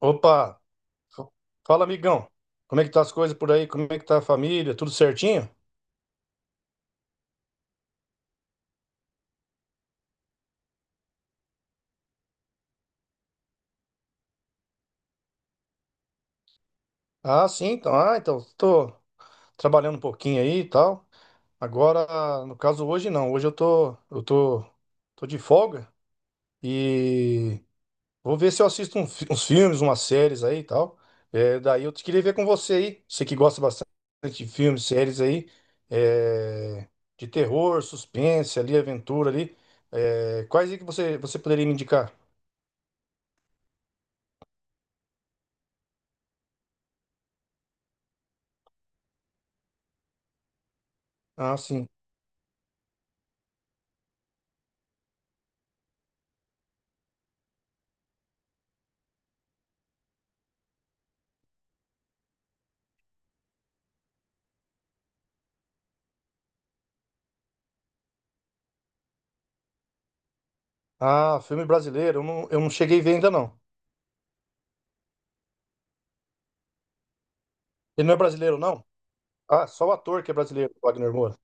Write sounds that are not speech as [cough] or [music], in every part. Opa, f- fala, amigão, como é que tá as coisas por aí? Como é que tá a família? Tudo certinho? Ah, sim, então, tô trabalhando um pouquinho aí e tal. Agora, no caso hoje não, hoje eu tô, tô de folga e vou ver se eu assisto uns filmes, umas séries aí e tal. É, daí eu te queria ver com você aí, você que gosta bastante de filmes, séries aí, é, de terror, suspense ali, aventura ali. É, quais aí que você poderia me indicar? Ah, sim. Ah, filme brasileiro, eu não, cheguei a ver ainda não. Ele não é brasileiro, não? Ah, só o ator que é brasileiro, Wagner Moura.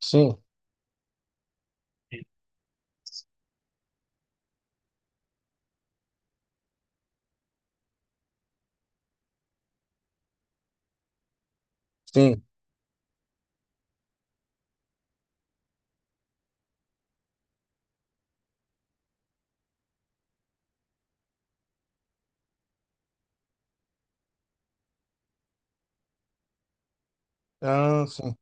Sim, sim. Ah, sim,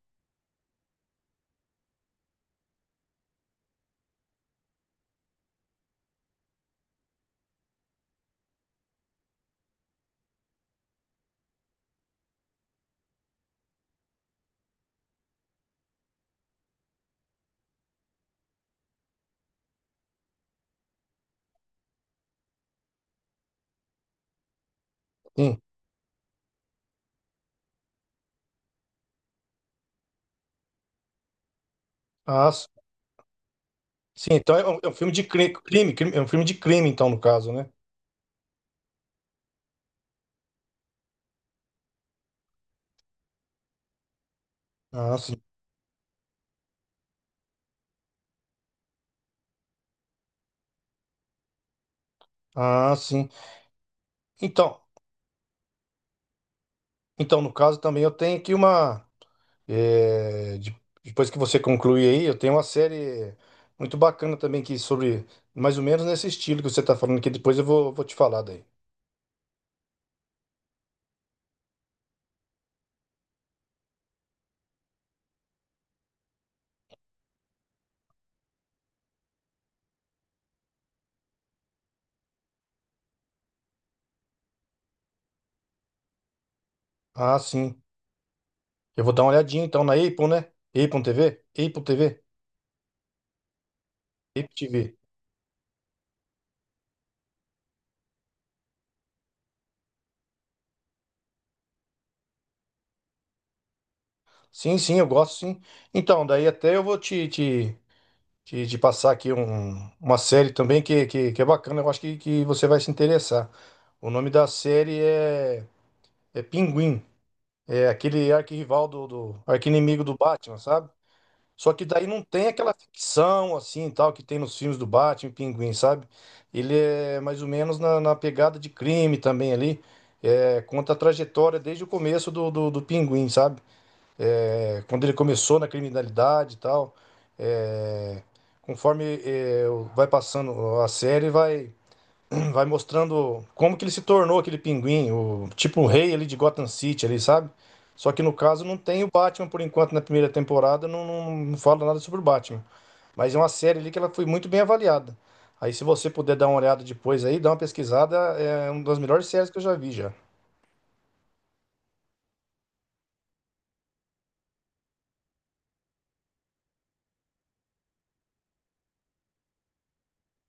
sim. Ah, sim. Sim, então é um, filme de crime, crime, é um filme de crime, então, no caso, né? Ah, sim. Ah, sim. Então, então no caso também eu tenho aqui uma. é, de- Depois que você concluir aí, eu tenho uma série muito bacana também, que sobre mais ou menos nesse estilo que você está falando, que depois eu vou, vou te falar daí. Ah, sim. Eu vou dar uma olhadinha então na Apple, né? Apple TV? Apple TV? Apple TV. Sim, sim, eu gosto, sim. Então, daí até eu vou te passar aqui uma série também que, que é bacana, eu acho que você vai se interessar. O nome da série é, é Pinguim. É aquele arquirrival do arqui-inimigo do Batman, sabe? Só que daí não tem aquela ficção assim, tal, que tem nos filmes do Batman, e Pinguim, sabe? Ele é mais ou menos na, na pegada de crime também ali. É, conta a trajetória desde o começo do Pinguim, sabe? É, quando ele começou na criminalidade e tal. É, conforme é, vai passando a série, vai vai mostrando como que ele se tornou aquele Pinguim, o tipo o rei ali de Gotham City ali, sabe? Só que no caso não tem o Batman por enquanto na primeira temporada, não, não fala nada sobre o Batman. Mas é uma série ali que ela foi muito bem avaliada. Aí se você puder dar uma olhada depois aí, dar uma pesquisada, é uma das melhores séries que eu já vi já.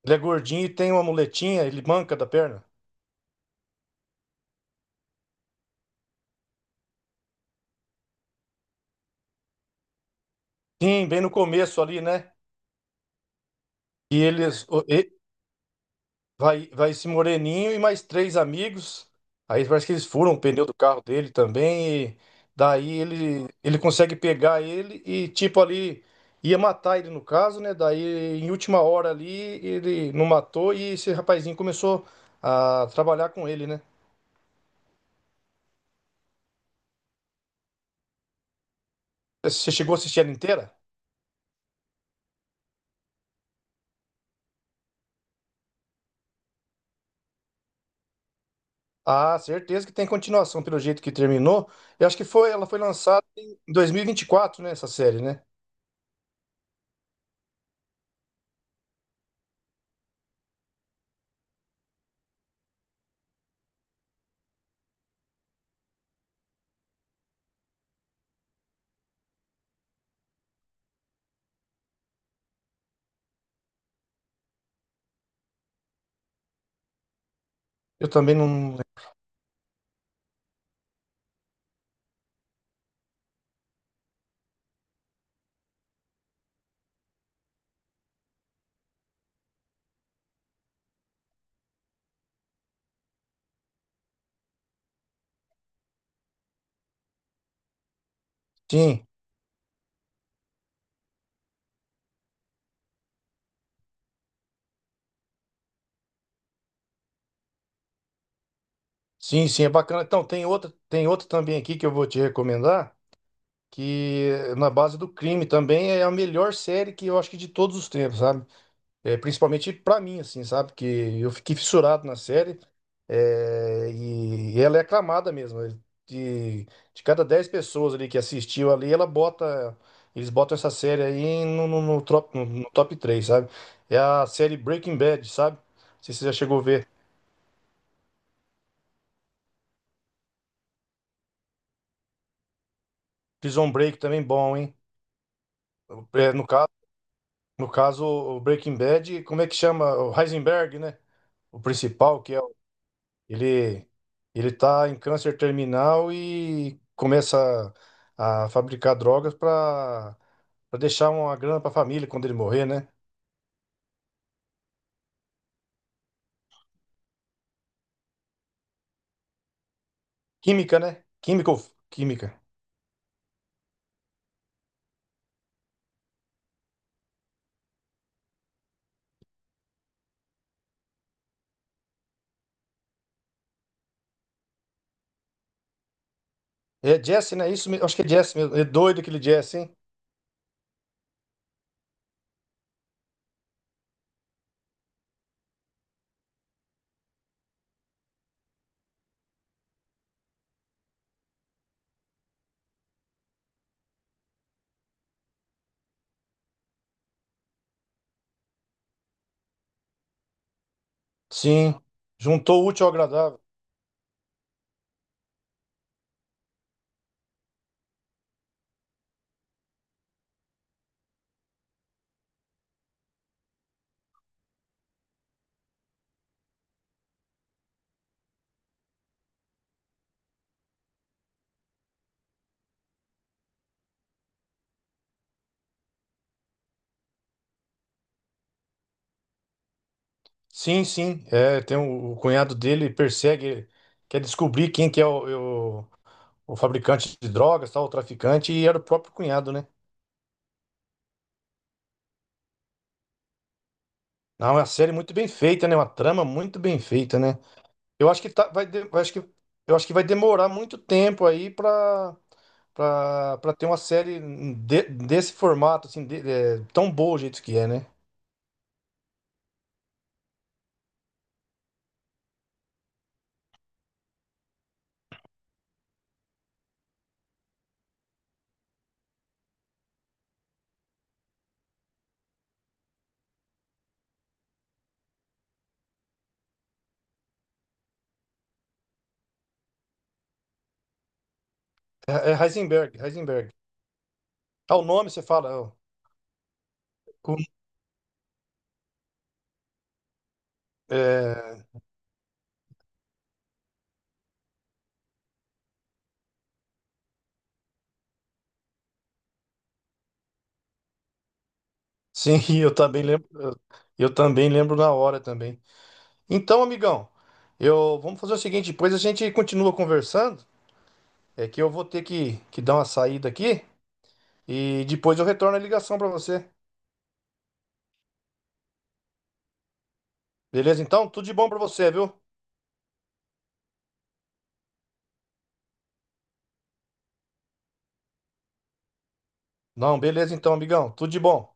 Ele é gordinho e tem uma muletinha, ele manca da perna. Sim, bem no começo ali, né? E eles, vai, vai esse moreninho e mais três amigos. Aí parece que eles furam o pneu do carro dele também. E daí ele, ele consegue pegar ele e, tipo, ali ia matar ele no caso, né? Daí, em última hora ali, ele não matou e esse rapazinho começou a trabalhar com ele, né? Você chegou a assistir ela inteira? Ah, certeza que tem continuação, pelo jeito que terminou. Eu acho que foi, ela foi lançada em dois mil e vinte e quatro, né? Essa série, né? Eu também não. Sim. Sim, sim, é bacana. Então, tem outra também aqui que eu vou te recomendar, que é na base do crime também, é a melhor série, que eu acho que, de todos os tempos, sabe? É, principalmente pra mim, assim, sabe? Que eu fiquei fissurado na série é, e ela é aclamada mesmo. É. De, de cada 10 pessoas ali que assistiu ali, ela bota, eles botam essa série aí no, no top, no top 3, sabe? É a série Breaking Bad, sabe? Não sei se você já chegou a ver. Prison Break também bom, hein? É. No caso, o Breaking Bad, como é que chama? O Heisenberg, né? O principal, que é. Ele, ele tá em câncer terminal e começa a fabricar drogas para deixar uma grana para a família quando ele morrer, né? Química, né? Química ou química? É Jesse, né? Isso, acho que é Jesse mesmo. É doido aquele Jesse, hein? Sim. Juntou o útil ao agradável. Sim, sim. É, tem o cunhado dele persegue, quer descobrir quem que é o- o fabricante de drogas, tal, o traficante, e era o próprio cunhado, né? Não, é uma série muito bem feita, né? Uma trama muito bem feita, né? Eu acho que tá, vai, eu acho que vai demorar muito tempo aí pra, pra ter uma série desse formato, assim, é, tão boa o jeito que é, né? É, é Heisenberg, Heisenberg. Ah, o nome você fala. Ó, com- é, sim, [laughs] eu também lembro. Eu também lembro na hora também. Então, amigão, eu vamos fazer o seguinte, depois a gente continua conversando. É que eu vou ter que dar uma saída aqui e depois eu retorno a ligação pra você. Beleza, então? Tudo de bom pra você, viu? Não, beleza então, amigão. Tudo de bom.